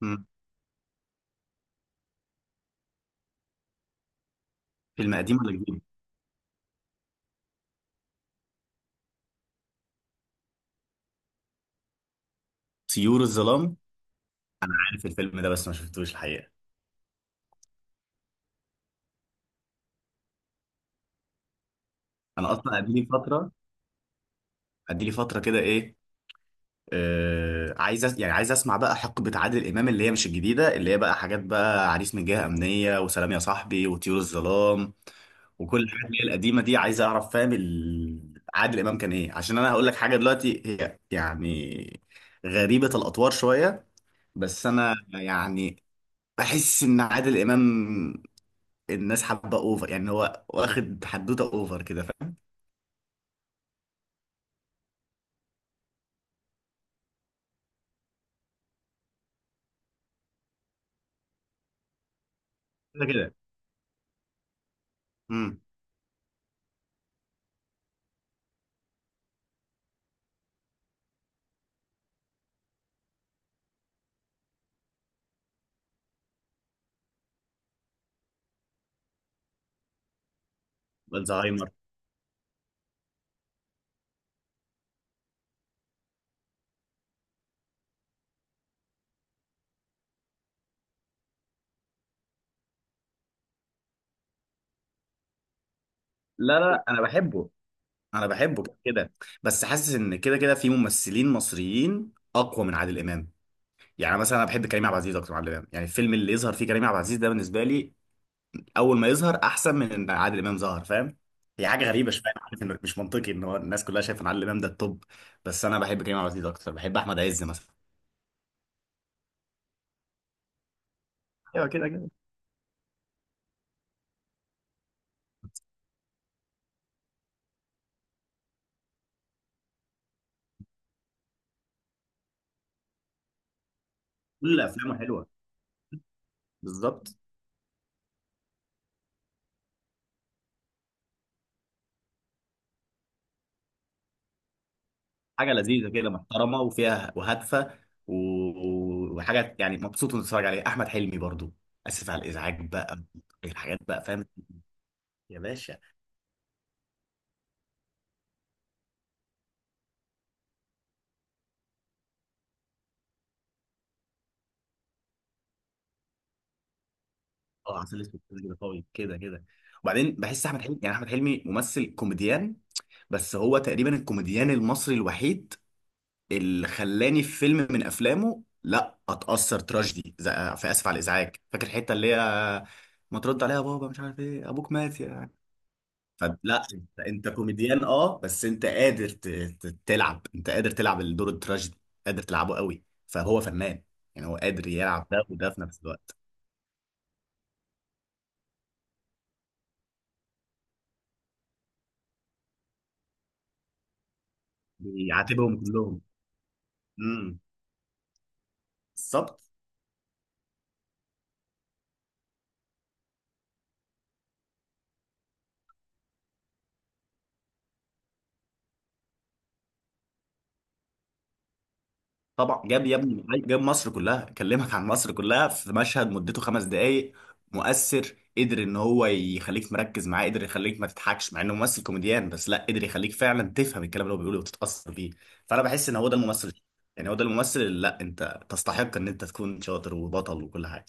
مم. فيلم قديم ولا جديد؟ طيور الظلام. عارف الفيلم ده بس ما شفتوش الحقيقه. انا اصلا قد لي فتره، قد لي فتره كده. ايه آه، عايز أس... يعني عايز اسمع بقى حقبه عادل امام اللي هي مش الجديده، اللي هي بقى حاجات بقى: عريس من جهه امنيه، وسلام يا صاحبي، وطيور الظلام وكل الحاجات اللي هي القديمه دي. عايز اعرف فاهم عادل امام كان ايه، عشان انا هقول لك حاجه دلوقتي، هي يعني غريبه الاطوار شويه. بس انا يعني بحس ان عادل امام الناس حابه اوفر، يعني هو واخد حدوته اوفر كده، فاهم؟ كده كده. امم. الزهايمر. لا لا، انا بحبه، انا بحبه كده كده. بس حاسس ان كده كده في ممثلين مصريين اقوى من عادل امام. يعني مثلا انا بحب كريم عبد العزيز اكتر من عادل امام، يعني الفيلم اللي يظهر فيه كريم عبد العزيز ده بالنسبه لي اول ما يظهر احسن من ان عادل امام ظهر، فاهم؟ هي حاجه غريبه شويه، أنا عارف انه مش منطقي ان هو الناس كلها شايفه ان عادل امام ده التوب. بس انا بحب كريم عبد العزيز اكتر، بحب احمد عز مثلا. ايوه كده كده. كل افلامه حلوه، بالظبط. حاجه لذيذه كده، محترمه وفيها وهادفه، و- وحاجه يعني مبسوط وانت بتتفرج عليها. احمد حلمي برضو. اسف على الازعاج بقى، الحاجات بقى، فاهم. يا باشا. اه، عسل اسود كده قوي، كده كده. وبعدين بحس احمد حلمي، يعني احمد حلمي ممثل كوميديان، بس هو تقريبا الكوميديان المصري الوحيد اللي خلاني في فيلم من افلامه لا اتاثر تراجيدي في اسف على الازعاج، فاكر الحته اللي هي ما ترد عليها يا بابا، مش عارف ايه، ابوك مات. فلا، انت انت كوميديان اه، بس انت قادر تلعب، انت قادر تلعب الدور التراجيدي، قادر تلعبه قوي، فهو فنان، يعني هو قادر يلعب ده وده في نفس الوقت. بيعاتبهم كلهم. امم. بالظبط. طبعا جاب يا ابني، جاب مصر كلها، كلمك عن مصر كلها في مشهد مدته خمس دقايق. مؤثر، قدر ان هو يخليك مركز معاه، قدر يخليك ما تضحكش مع انه ممثل كوميديان، بس لا قدر يخليك فعلا تفهم الكلام اللي هو بيقوله وتتأثر بيه. فانا بحس ان هو ده الممثل، يعني هو ده الممثل اللي لا انت تستحق ان انت تكون شاطر وبطل وكل حاجه.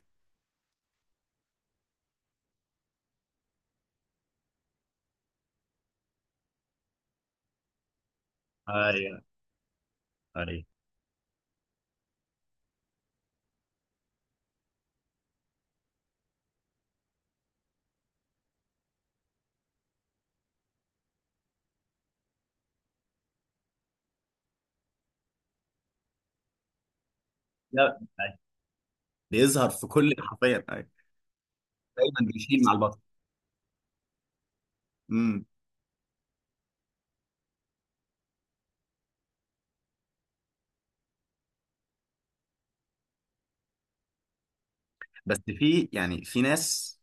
ايوه ايوه. لا أيوة. بيظهر في كل، حرفيا، ايوه. دايما بيشيل مع البطل. امم. بس في يعني في ناس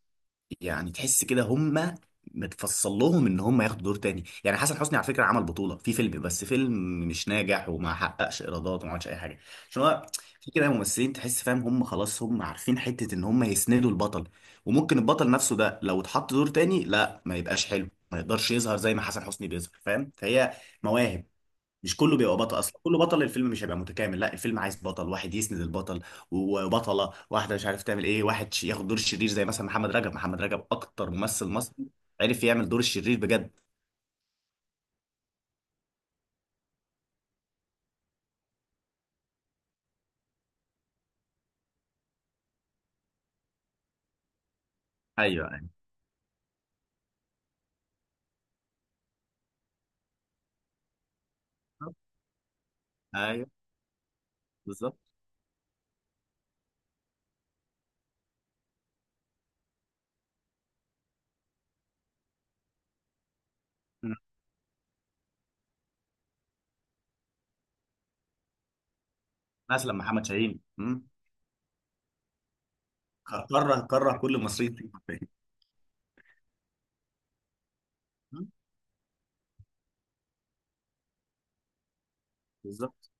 يعني تحس كده هم متفصل لهم ان هم ياخدوا دور تاني، يعني حسن حسني على فكره عمل بطوله في فيلم، بس فيلم مش ناجح وما حققش ايرادات وما عملش اي حاجه، عشان هو في كده ممثلين تحس، فاهم، هم خلاص هم عارفين حته ان هم يسندوا البطل، وممكن البطل نفسه ده لو اتحط دور تاني لا ما يبقاش حلو، ما يقدرش يظهر زي ما حسن حسني بيظهر، فاهم؟ فهي مواهب، مش كله بيبقى بطل، اصلا كله بطل الفيلم مش هيبقى متكامل، لا الفيلم عايز بطل واحد يسند البطل وبطله واحده مش عارف تعمل ايه، واحد ياخد دور الشرير، زي مثلا محمد رجب. محمد رجب اكتر ممثل مصري عرف يعمل دور الشرير بجد. ايوه. ايوه ايوه. بالظبط. مم. مثلا محمد شاهين. مم. كره كره كل المصريين فيه حرفياً. مم. بالظبط.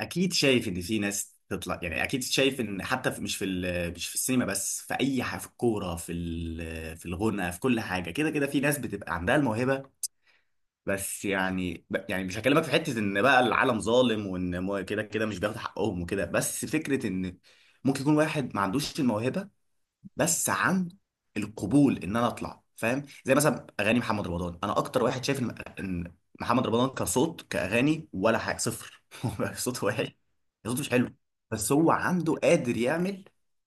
اكيد شايف ان في ناس تطلع، يعني اكيد شايف ان حتى في، مش مش في السينما بس، في اي حاجه، في الكوره، في الغنى، في كل حاجه، كده كده في ناس بتبقى عندها الموهبه. بس يعني يعني مش هكلمك في حته ان بقى العالم ظالم وان كده كده مش بياخد حقهم وكده، بس فكره ان ممكن يكون واحد ما عندوش الموهبه بس عن القبول ان انا اطلع، فاهم؟ زي مثلا اغاني محمد رمضان، انا اكتر واحد شايف ان، إن محمد رمضان كصوت، كاغاني ولا حاجه، صفر هو صوته وحش، صوته مش حلو، بس هو عنده قادر يعمل: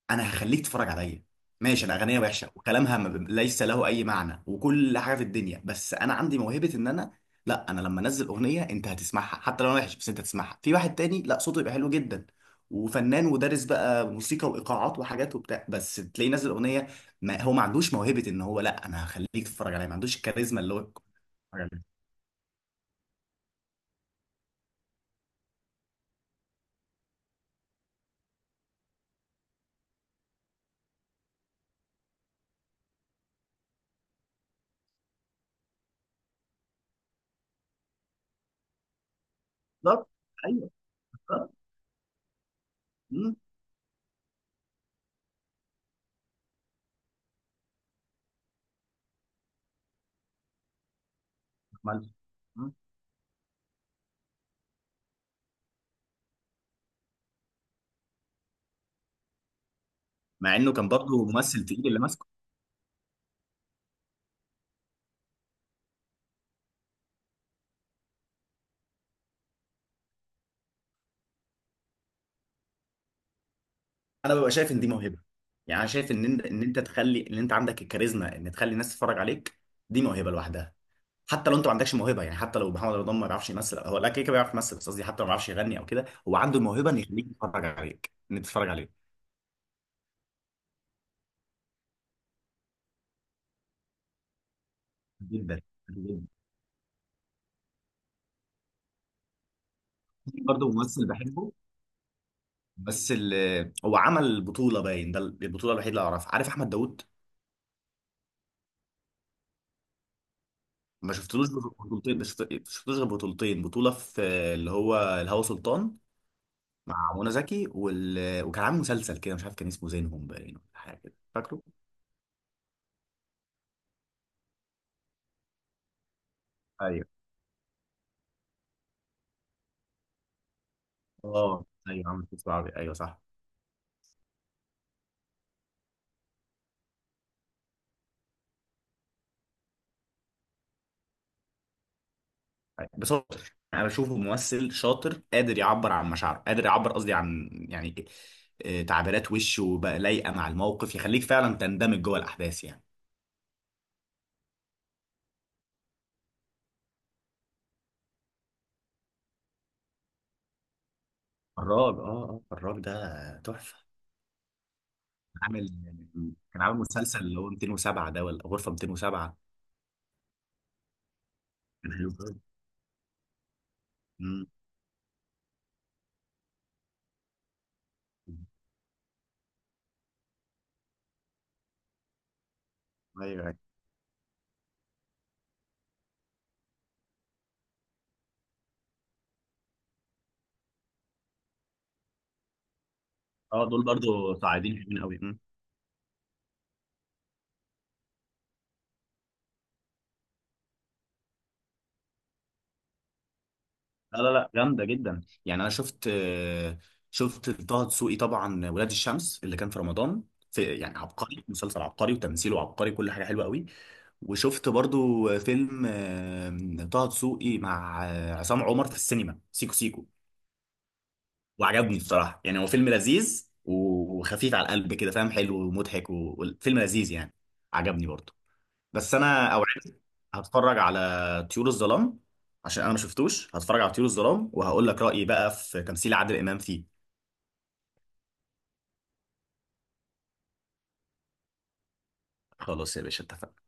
انا هخليك تتفرج عليا. ماشي، انا اغنيه وحشه وكلامها ما ب- ليس له اي معنى وكل حاجه في الدنيا، بس انا عندي موهبه ان انا، لا انا لما انزل اغنيه انت هتسمعها حتى لو انا وحش، بس انت هتسمعها. في واحد تاني لا صوته يبقى حلو جدا وفنان ودارس بقى موسيقى وايقاعات وحاجات وبتاع، بس تلاقيه نازل اغنيه، ما هو ما عندوش موهبه ان هو لا انا هخليك تتفرج عليا، ما عندوش الكاريزما اللي هو يتفرج عليها. بالظبط. ايوه. بالظبط. مم. مال. مم. مع انه كان برضه ممثل تقيل اللي ماسكه. انا ببقى شايف ان دي موهبه، يعني انا شايف ان انت تخلي ان انت عندك الكاريزما ان تخلي الناس تتفرج عليك، دي موهبه لوحدها. حتى لو انت ما عندكش موهبه، يعني حتى لو محمد رمضان ما بيعرفش يمثل، هو لا كده كده بيعرف يمثل، بس قصدي حتى لو ما بيعرفش يغني او كده، هو عنده الموهبه ان يخليك تتفرج عليك، ان تتفرج عليه. جدا جدا. برضه ممثل بحبه، بس هو عمل بطولة، باين ده البطولة الوحيدة اللي أعرفها، عارف أحمد داوود؟ ما شفتلوش بطولتين، ما شفت- شفتلوش غير بطولتين، بطولة في اللي هو الهوى سلطان مع منى زكي وكان عامل مسلسل كده مش عارف، كان اسمه زينهم باين، ولا حاجة كده، فاكره؟ ايوه. اه ايوه، عامل مسلسل عربي، ايوه صح. بصراحة انا بشوفه ممثل شاطر، قادر يعبر عن مشاعره، قادر يعبر، قصدي عن، يعني آه، تعبيرات وشه بقى لايقه مع الموقف، يخليك فعلا تندمج جوه الاحداث يعني. فراج اه. اه فراج ده تحفه. عامل، كان عامل مسلسل اللي هو 207، ده ولا غرفه 207. كان حلو قوي. أمم. ايوه أيوة. اه، دول برضو صاعدين حلوين قوي. لا لا لا، جامده جدا. يعني انا شفت، شفت طه دسوقي طبعا ولاد الشمس اللي كان في رمضان، في يعني عبقري، مسلسل عبقري وتمثيله عبقري، كل حاجه حلوه قوي. وشفت برضو فيلم آه، طه دسوقي مع آه، عصام عمر في السينما، سيكو سيكو، وعجبني بصراحه، يعني هو فيلم لذيذ وخفيف على القلب كده، فاهم، حلو ومضحك وفيلم لذيذ يعني، عجبني برضو. بس انا اوعدك، هتفرج على طيور الظلام، عشان انا ما شفتوش، هتفرج على طيور الظلام وهقول لك رايي بقى في تمثيل عادل امام فيه. خلاص يا باشا، اتفقنا.